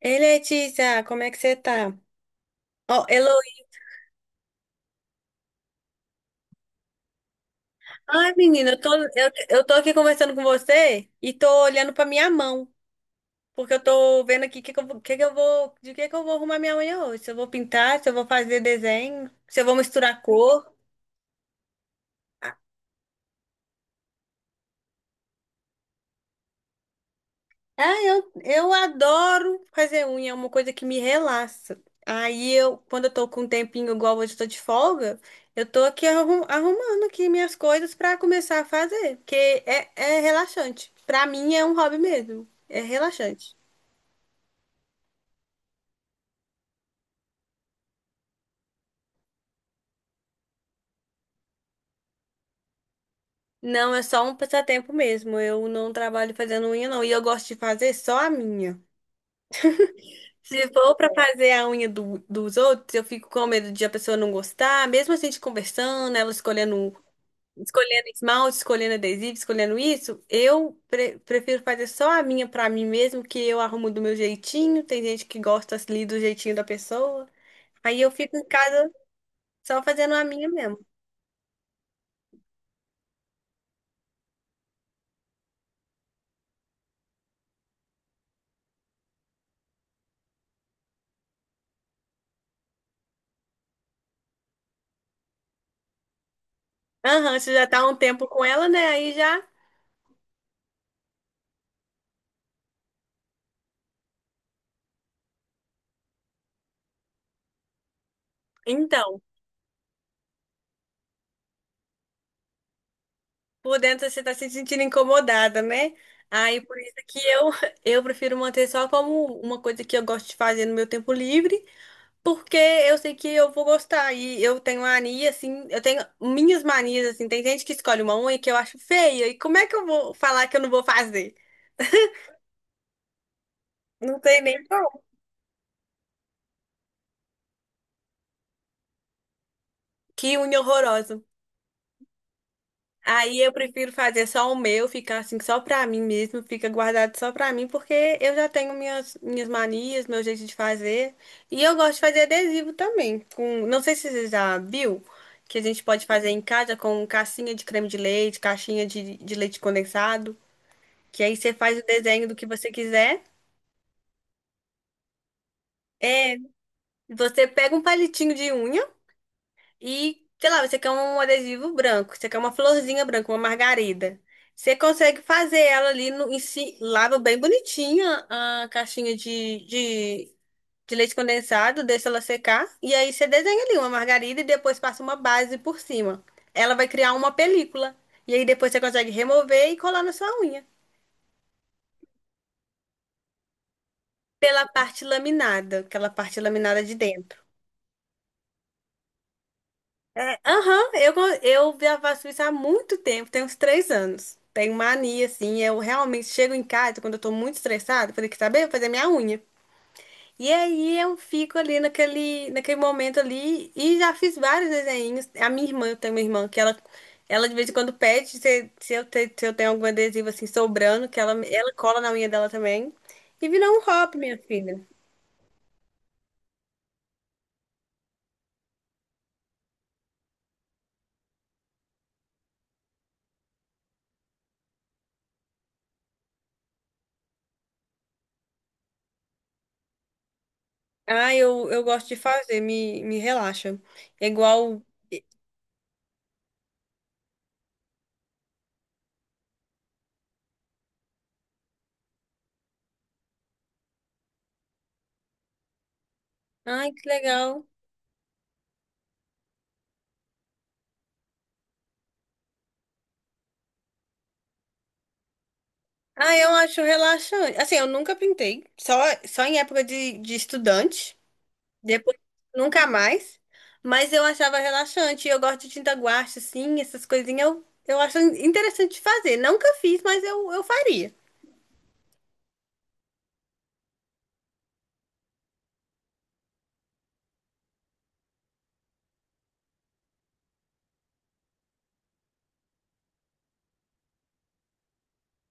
Ei, Letícia, como é que você tá? Ó, Heloísa. Ai, menina, eu tô aqui conversando com você e tô olhando pra minha mão, porque eu tô vendo aqui que eu, vou- que eu vou, de que eu vou arrumar minha unha hoje. Se eu vou pintar, se eu vou fazer desenho, se eu vou misturar cor. Ah, eu adoro fazer unha, é uma coisa que me relaxa. Aí eu, quando eu tô com um tempinho igual hoje, eu tô de folga, eu tô aqui arrumando aqui minhas coisas pra começar a fazer, porque é relaxante. Pra mim é um hobby mesmo, é relaxante. Não, é só um passatempo mesmo, eu não trabalho fazendo unha não, e eu gosto de fazer só a minha. Se for pra fazer a unha dos outros, eu fico com medo de a pessoa não gostar, mesmo a gente conversando, ela escolhendo esmalte, escolhendo adesivo, escolhendo isso, eu prefiro fazer só a minha pra mim mesmo, que eu arrumo do meu jeitinho. Tem gente que gosta ali do jeitinho da pessoa. Aí eu fico em casa só fazendo a minha mesmo. Aham, você já tá há um tempo com ela, né? Aí já. Então, por dentro você tá se sentindo incomodada, né? Aí por isso eu prefiro manter só como uma coisa que eu gosto de fazer no meu tempo livre. Porque eu sei que eu vou gostar. E eu tenho mania, assim, eu tenho minhas manias, assim. Tem gente que escolhe uma unha que eu acho feia. E como é que eu vou falar que eu não vou fazer? Não tem nem como. Que unha horrorosa. Aí eu prefiro fazer só o meu, ficar assim, só pra mim mesmo, fica guardado só pra mim, porque eu já tenho minhas manias, meu jeito de fazer. E eu gosto de fazer adesivo também. Com, não sei se você já viu, que a gente pode fazer em casa com cassinha de creme de leite, caixinha de leite condensado, que aí você faz o desenho do que você quiser. É, você pega um palitinho de unha e, sei lá, você quer um adesivo branco, você quer uma florzinha branca, uma margarida. Você consegue fazer ela ali no, em si, lava bem bonitinha a caixinha de leite condensado, deixa ela secar, e aí você desenha ali uma margarida e depois passa uma base por cima. Ela vai criar uma película, e aí depois você consegue remover e colar na sua unha. Pela parte laminada, aquela parte laminada de dentro. É, aham, eu já faço isso há muito tempo, tem uns três anos. Tenho mania, assim, eu realmente chego em casa quando eu tô muito estressada, falei que saber, eu vou fazer minha unha. E aí eu fico ali naquele momento ali e já fiz vários desenhos. A minha irmã, eu tenho uma irmã ela de vez em quando pede se eu tenho algum adesivo assim sobrando, que ela cola na unha dela também. E virou um hobby, minha filha. Ah, eu gosto de fazer, me relaxa. É igual. Ai, que legal. Ah, eu acho relaxante. Assim, eu nunca pintei, só, só em época de estudante, depois nunca mais, mas eu achava relaxante. Eu gosto de tinta guache, assim, essas coisinhas eu acho interessante de fazer. Nunca fiz, mas eu faria.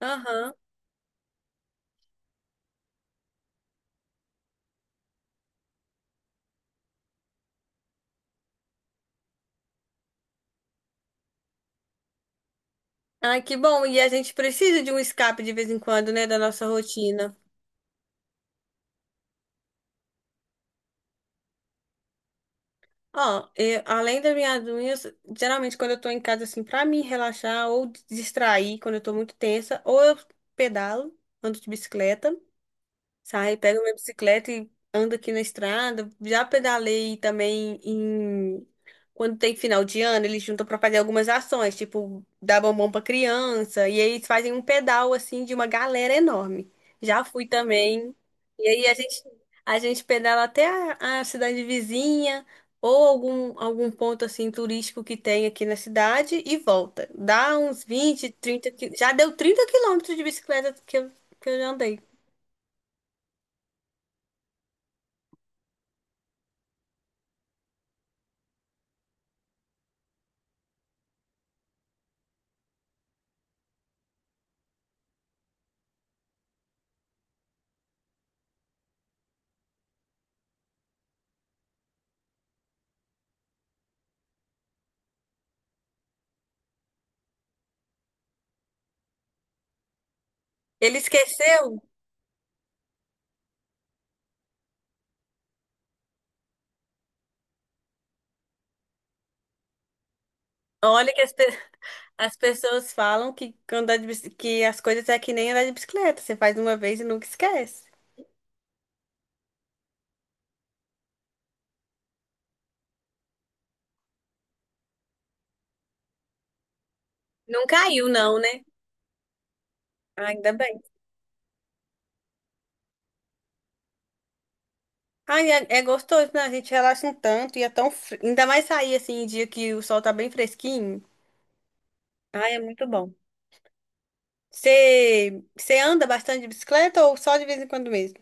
Aham. Ai, que bom. E a gente precisa de um escape de vez em quando, né, da nossa rotina. Ó, além das minhas unhas, geralmente quando eu tô em casa, assim, pra me relaxar ou distrair quando eu tô muito tensa, ou eu pedalo, ando de bicicleta. Saio, pego minha bicicleta e ando aqui na estrada. Já pedalei também em... Quando tem final de ano, eles juntam para fazer algumas ações, tipo dar bombom para criança, e aí eles fazem um pedal assim de uma galera enorme. Já fui também. E aí a gente pedala até a cidade vizinha ou algum ponto assim turístico que tem aqui na cidade e volta. Dá uns vinte 30 já deu 30 quilômetros de bicicleta que eu já andei. Ele esqueceu? Olha as pessoas falam que, andar que as coisas é que nem andar de bicicleta. Você faz uma vez e nunca esquece. Não caiu, não, né? Ainda bem. Ai, é, é gostoso, né? A gente relaxa um tanto e é ainda mais sair assim, em dia que o sol tá bem fresquinho. Ai, é muito bom. Você anda bastante de bicicleta ou só de vez em quando mesmo?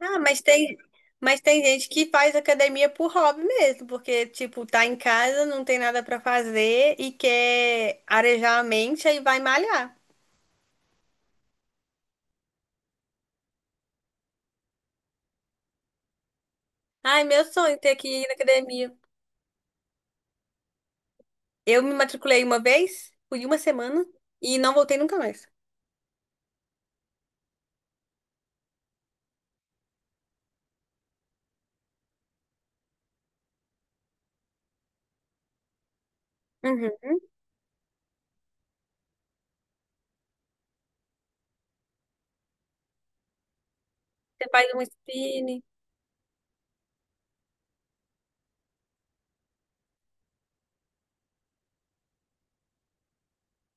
Ah, mas tem, mas tem gente que faz academia por hobby mesmo, porque, tipo, tá em casa, não tem nada pra fazer e quer arejar a mente, aí vai malhar. Ai, meu sonho é ter que ir na academia. Eu me matriculei uma vez, fui uma semana e não voltei nunca mais. Uhum. Você faz um spinning.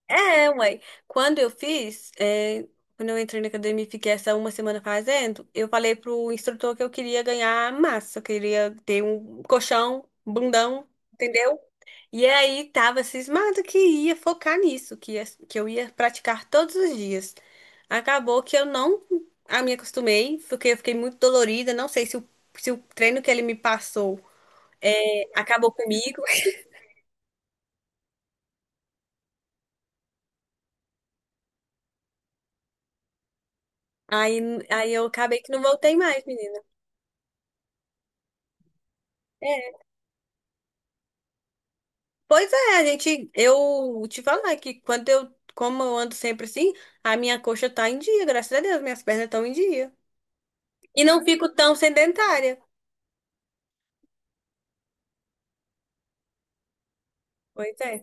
É, ué. Quando eu fiz, é, quando eu entrei na academia e fiquei essa uma semana fazendo, eu falei pro instrutor que eu queria ganhar massa, eu queria ter um colchão, bundão. Entendeu? E aí tava cismado que ia focar nisso, que eu ia praticar todos os dias. Acabou que eu não a me acostumei, porque eu fiquei muito dolorida, não sei se o treino que ele me passou acabou comigo. Aí, aí eu acabei que não voltei mais, menina. É. Pois é, eu te falar que quando eu, como eu ando sempre assim, a minha coxa tá em dia, graças a Deus, minhas pernas estão em dia. E não fico tão sedentária. Pois é.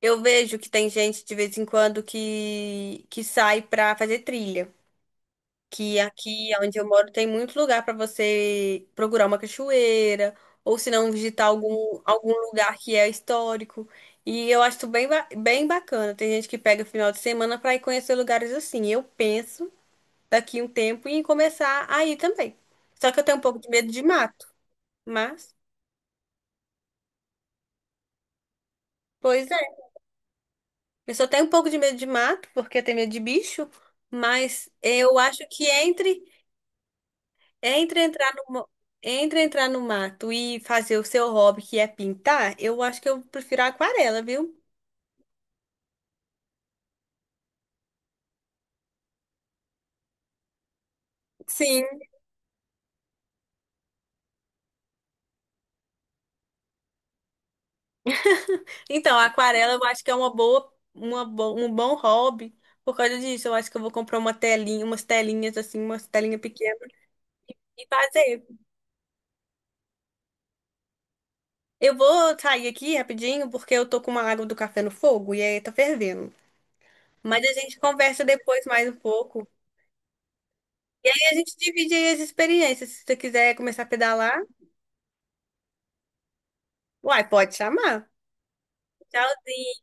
Eu vejo que tem gente de vez em quando que sai pra fazer trilha. Que aqui onde eu moro tem muito lugar pra você procurar uma cachoeira, ou se não, visitar algum lugar que é histórico. E eu acho bem bacana. Tem gente que pega final de semana pra ir conhecer lugares assim. Eu penso daqui um tempo em começar a ir também. Só que eu tenho um pouco de medo de mato, mas. Pois é. Eu só tenho um pouco de medo de mato, porque eu tenho medo de bicho, mas eu acho que entre entrar no, mo- entre entrar no mato e fazer o seu hobby, que é pintar, eu acho que eu prefiro a aquarela, viu? Sim. Então, a aquarela eu acho que é uma boa, um bom hobby. Por causa disso, eu acho que eu vou comprar uma telinha, umas telinhas pequenas e fazer. Eu vou sair aqui rapidinho porque eu tô com uma água do café no fogo e aí tá fervendo. Mas a gente conversa depois mais um pouco. A gente divide aí as experiências. Se você quiser começar a pedalar, uai, pode chamar. Tchauzinho.